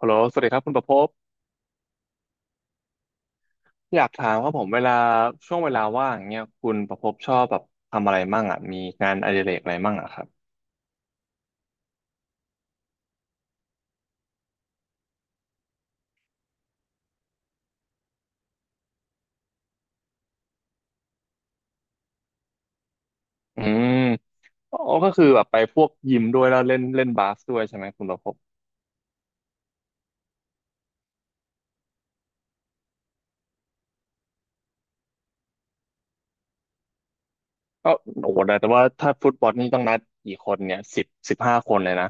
ฮัลโหลสวัสดีครับคุณประภพอยากถามครับผมเวลาช่วงเวลาว่างอเงี้ยคุณประภพชอบแบบทำอะไรมั่งอ่ะมีงานอดิเรกอะไรมั่งอ่ะครับอืมอ๋อก็คือแบบไปพวกยิมด้วยแล้วเล่นเล่นบาสด้วยใช่ไหมคุณประภพก็โอ้โหแต่ว่าถ้าฟุตบอลนี่ต้องนัดกี่คนเนี่ยสิบห้าคนเลยนะ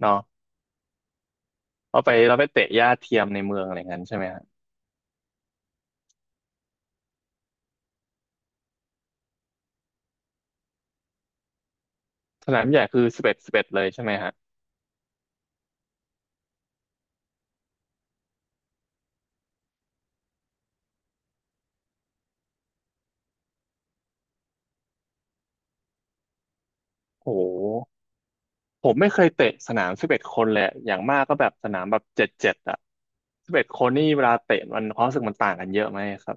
เนาะเราไปเตะหญ้าเทียมในเมืองอะไรเงี้ยใช่ไหมฮะสนามใหญ่คือสิบเอ็ดเลยใช่ไหมฮะโอ้โห ผมไม่เคยเตะสนามสิบเอ็ดคนเลยอะอย่างมากก็แบบสนามแบบเจ็ดอะสิบเอ็ดคนนี่เวลาเตะมันความรู้สึกมันต่างกันเยอะไหมครับ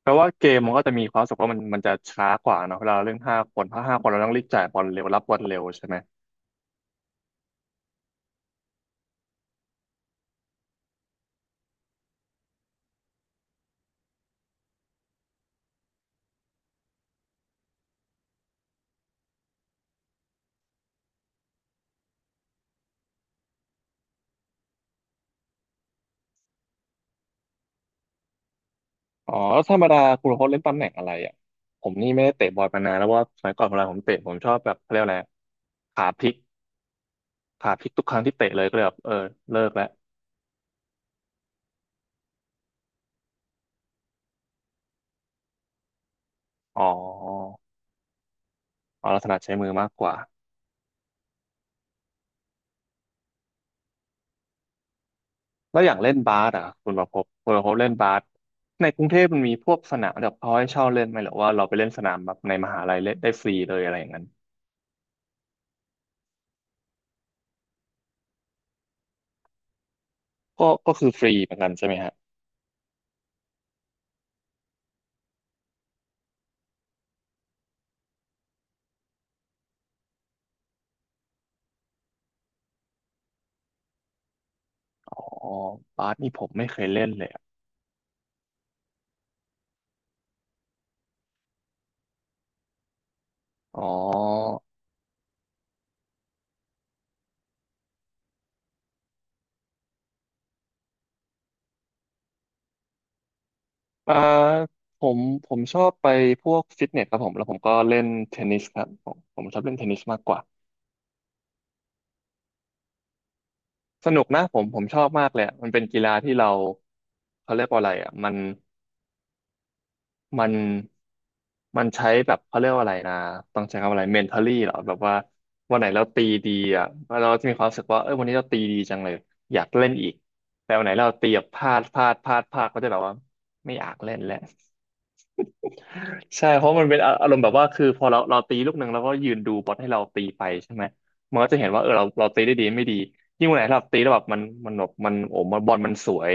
เพราะว่าเกมมันก็จะมีความรู้สึกว่ามันจะช้ากว่าเนอะเวลาเราเล่นห้าคนถ้าห้าคนเราต้องรีบจ่ายบอลเร็วรับบอลเร็วใช่ไหมอ๋อแล้วธรรมดาคุณโค้ชเล่นตำแหน่งอะไรอ่ะผมนี่ไม่ได้เตะบอลมานานแล้วว่าสมัยก่อนเวลาผมเตะผมชอบแบบเขาเรียกอะไรขาพลิกขาพลิกทุกครั้งที่เตะเลยก็เลยแบบเออเลิกแล้วอ๋ออ๋อเราถนัดใช้มือมากกว่า แล้วอย่างเล่นบาสอ่ะคุณประภพบคุณประพบเล่นบาสในกรุงเทพมันมีพวกสนามแบบเขาให้เช่าเล่นไหมหรือว่าเราไปเล่นสนามแบบในมหาลัยเล่นได้ฟรีเลยอะไรอย่างนั้นก็ก็คือฟรีเหมือนกันใช่ไหมฮะอ๋อบาสนี่ผมไม่เคยเล่นเลยอะอ๋ออ่าผมผมชอบไปพวกฟิตเนสครับผมแล้วผมก็เล่นเทนนิสครับผมผมชอบเล่นเทนนิสมากกว่าสนุกนะผมชอบมากเลยอะมันเป็นกีฬาที่เราเขาเรียกว่าอะไรอ่ะมัน มันมันใช้แบบเขาเรียกว่าอะไรนะต้องใช้คำว่าอะไร mentally เหรอแบบว่าวันไหนเราตีดีอ่ะเราจะมีความรู้สึกว่าเออวันนี้เราตีดีจังเลยอยากเล่นอีกแต่วันไหนเราตีแบบพลาดก็จะแบบว่าไม่อยากเล่นแล้ว ใช่เพราะมันเป็นอาอารมณ์แบบว่าคือพอเราตีลูกหนึ่งแล้วก็ยืนดูบอทให้เราตีไปใช่ไหมมันก็จะเห็นว่าเออเราตีได้ดีไม่ดียิ่งวันไหนเราตีแล้วแบบมันโอ้บอลมันสวย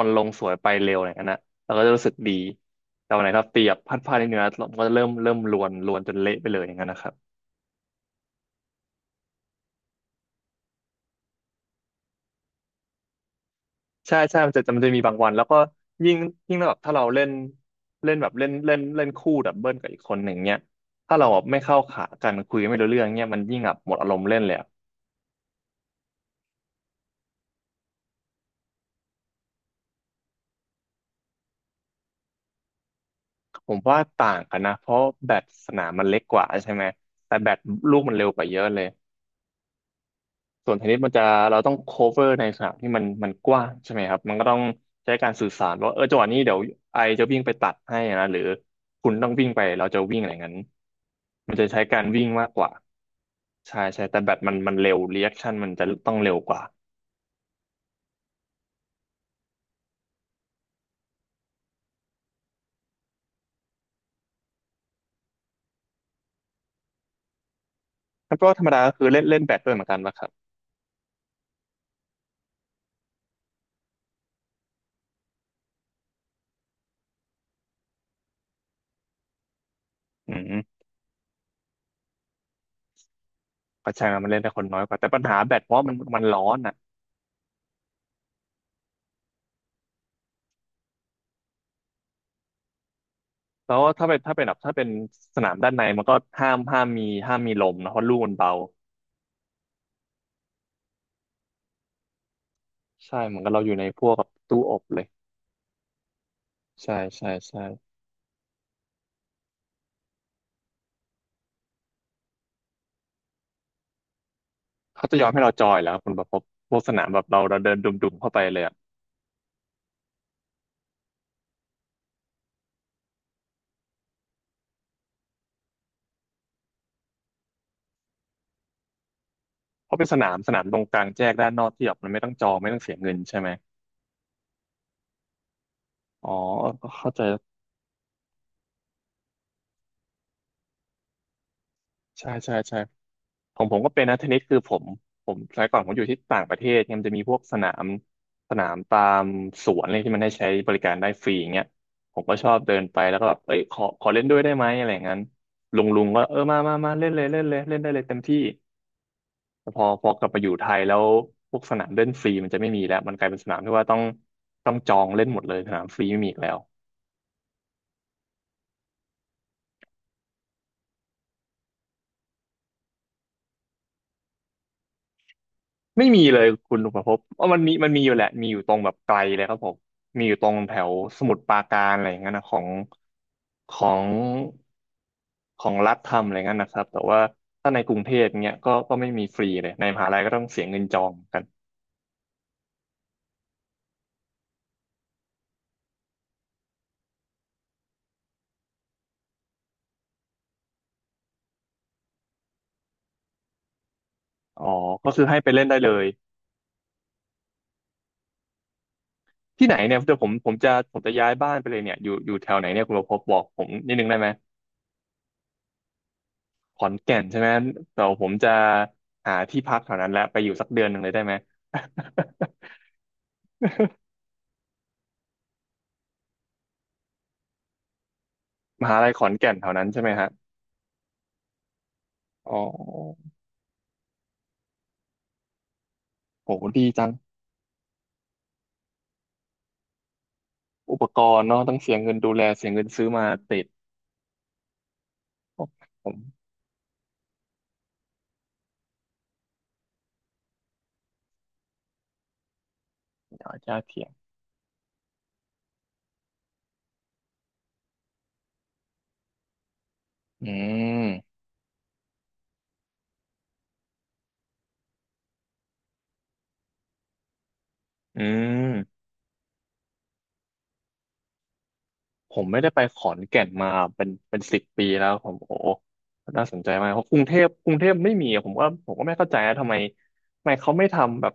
มันลงสวยไปเร็วอะไรอย่างนั้นนะเราก็จะรู้สึกดีแต่วันไหนเราตีแบบพลาดนิดนึงนะมันก็จะเริ่มลวนจนเละไปเลยอย่างนั้นนะครับใช่ใช่มันจะมีบางวันแล้วก็ยิ่งยิ่งแบบถ้าเราเล่นเล่นแบบเล่นเล่นเล่นคู่ดับเบิลกับอีกคนหนึ่งเนี้ยถ้าเราแบบไม่เข้าขากันคุยไม่รู้เรื่องเนี้ยมันยิ่งแบบหมดอารมณ์เล่นเลย ผมว่าต่างกันนะเพราะแบตสนามมันเล็กกว่าใช่ไหมแต่แบตลูกมันเร็วกว่าเยอะเลยส่วนเทนนิสมันจะเราต้อง cover ในสนามที่มันกว้างใช่ไหมครับมันก็ต้องใช้การสื่อสารว่าเออจังหวะนี้เดี๋ยวไอจะวิ่งไปตัดให้นะหรือคุณต้องวิ่งไปเราจะวิ่งอะไรงั้นมันจะใช้การวิ่งมากกว่าใช่ใช่แต่แบตมันเร็วรีแอคชั่นมันจะต้องเร็วกว่าแล้วก็ธรรมดาก็คือเล่นเล่นแบดด้วยเหมือนกันป่ะครับอืมก็ใช่นะมันเล่นได้คนน้อยกว่าแต่ปัญหาแบดเพราะมันร้อนอ่ะ แล้วถ้าเป็นถ้าเป็นแบบถ้าเป็นสนามด้านในมันก็ห้ามมีลมนะเพราะลูกมันเบาใช่เหมือนกับเราอยู่ในพวกกับตู้อบเลยใช่ใช่ใช่เขาจะยอมให้เราจอยแล้วคุณประพบพวกสนามแบบเราเดินดุ่มๆเข้าไปเลยอ่ะเพราะเป็นสนามตรงกลางแจ้งด้านนอกที่แบบมันไม่ต้องจองไม่ต้องเสียเงินใช่ไหมอ๋อเข้าใจใช่ใช่ใช่ ของผมก็เป็นนะเทนนิสคือผมสมัยก่อนผมอยู่ที่ต่างประเทศเนี่ยมันจะมีพวกสนามตามสวนอะไรที่มันให้ใช้บริการได้ฟรีอย่างเงี้ยผมก็ชอบเดินไปแล้วก็แบบเอ้ยขอเล่นด้วยได้ไหมอะไรอย่างนั้นลุงก็เออมาเล่นเลยเล่นเลยเล่นได้เลยเต็มที่แต่พอกลับมาอยู่ไทยแล้วพวกสนามเล่นฟรีมันจะไม่มีแล้วมันกลายเป็นสนามที่ว่าต้องจองเล่นหมดเลยสนามฟรีไม่มีอีกแล้วไม่มีเลยคุณลุงประพบว่ามันมีอยู่แหละมีอยู่ตรงแบบไกลเลยครับผมมีอยู่ตรงแถวสมุทรปราการอะไรอย่างเงี้ยนะของของรัฐทำอะไรเงี้ยนะครับแต่ว่าถ้าในกรุงเทพเนี้ยก็ไม่มีฟรีเลยในมหาลัยก็ต้องเสียเงินจองกันอ๋อก็คือให้ไปเล่นได้เลยที่ไหนเนี่ยเดี๋ยวผมจะย้ายบ้านไปเลยเนี่ยอยู่แถวไหนเนี่ยคุณประพบบอกผมนิดนึงได้ไหมขอนแก่นใช่ไหมแต่ผมจะหาที่พักแถวนั้นแล้วไปอยู่สักเดือนหนึ่งเลยได้ไหม มหาลัยขอนแก่นแถวนั้นใช่ไหมฮะอ๋อโหดีจังอุปกรณ์เนาะต้องเสียเงินดูแลเสียเงินซื้อมาติดโอ้ผมเดี๋ยวจะเีย อืมอืมผมไม่ได้ไปขอนแก่นมาเป็น10 ปีแล้วผมโอ้น่าสนใจมากเพราะกรุงเทพไม่มีอะผมว่าผมก็ไม่เข้าใจนะทำไมเขาไม่ทำแบบ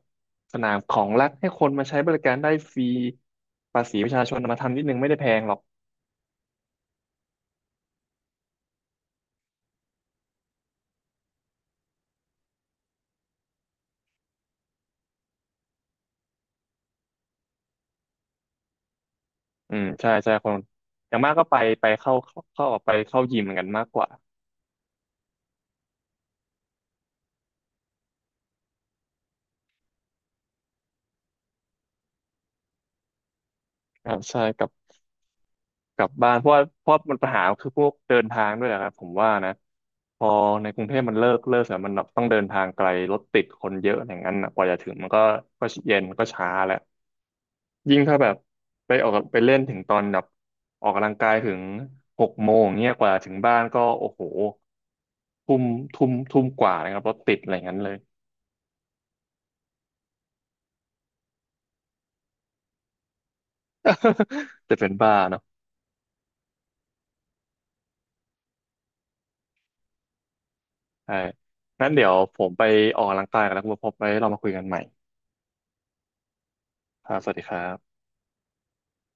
สนามของรัฐให้คนมาใช้บริการได้ฟรีภาษีประชาชนเอามาทำนิดนึงไม่ได้แพงหรอกอืมใช่ใช่คนอย่างมากก็ไปเข้าออกไปเข้ายิมเหมือนกันมากกว่าอ่าใช่กับ กลับบ้านเพราะว่าเพราะมันปัญหาคือพวกเดินทางด้วยแหละครับผมว่านะพอในกรุงเทพมันเลิกแล้วมันต้องเดินทางไกลรถติดคนเยอะอย่างนั้นน่ะกว่าจะถึงมันก็เย็นก็ช้าแล้วยิ่งถ้าแบบไปออกไปเล่นถึงตอนแบบออกกำลังกายถึง6 โมงเนี่ยกว่าถึงบ้านก็โอ้โหทุ่มทุ่มกว่านะครับรถติดอะไรอย่างนั้นเลย จะเป็นบ้าเนาะใช่งั้นเดี๋ยวผมไปออกกำลังกายกันแล้วคุณพบไว้เรามาคุยกันใหม่ครับสวัสดีครับ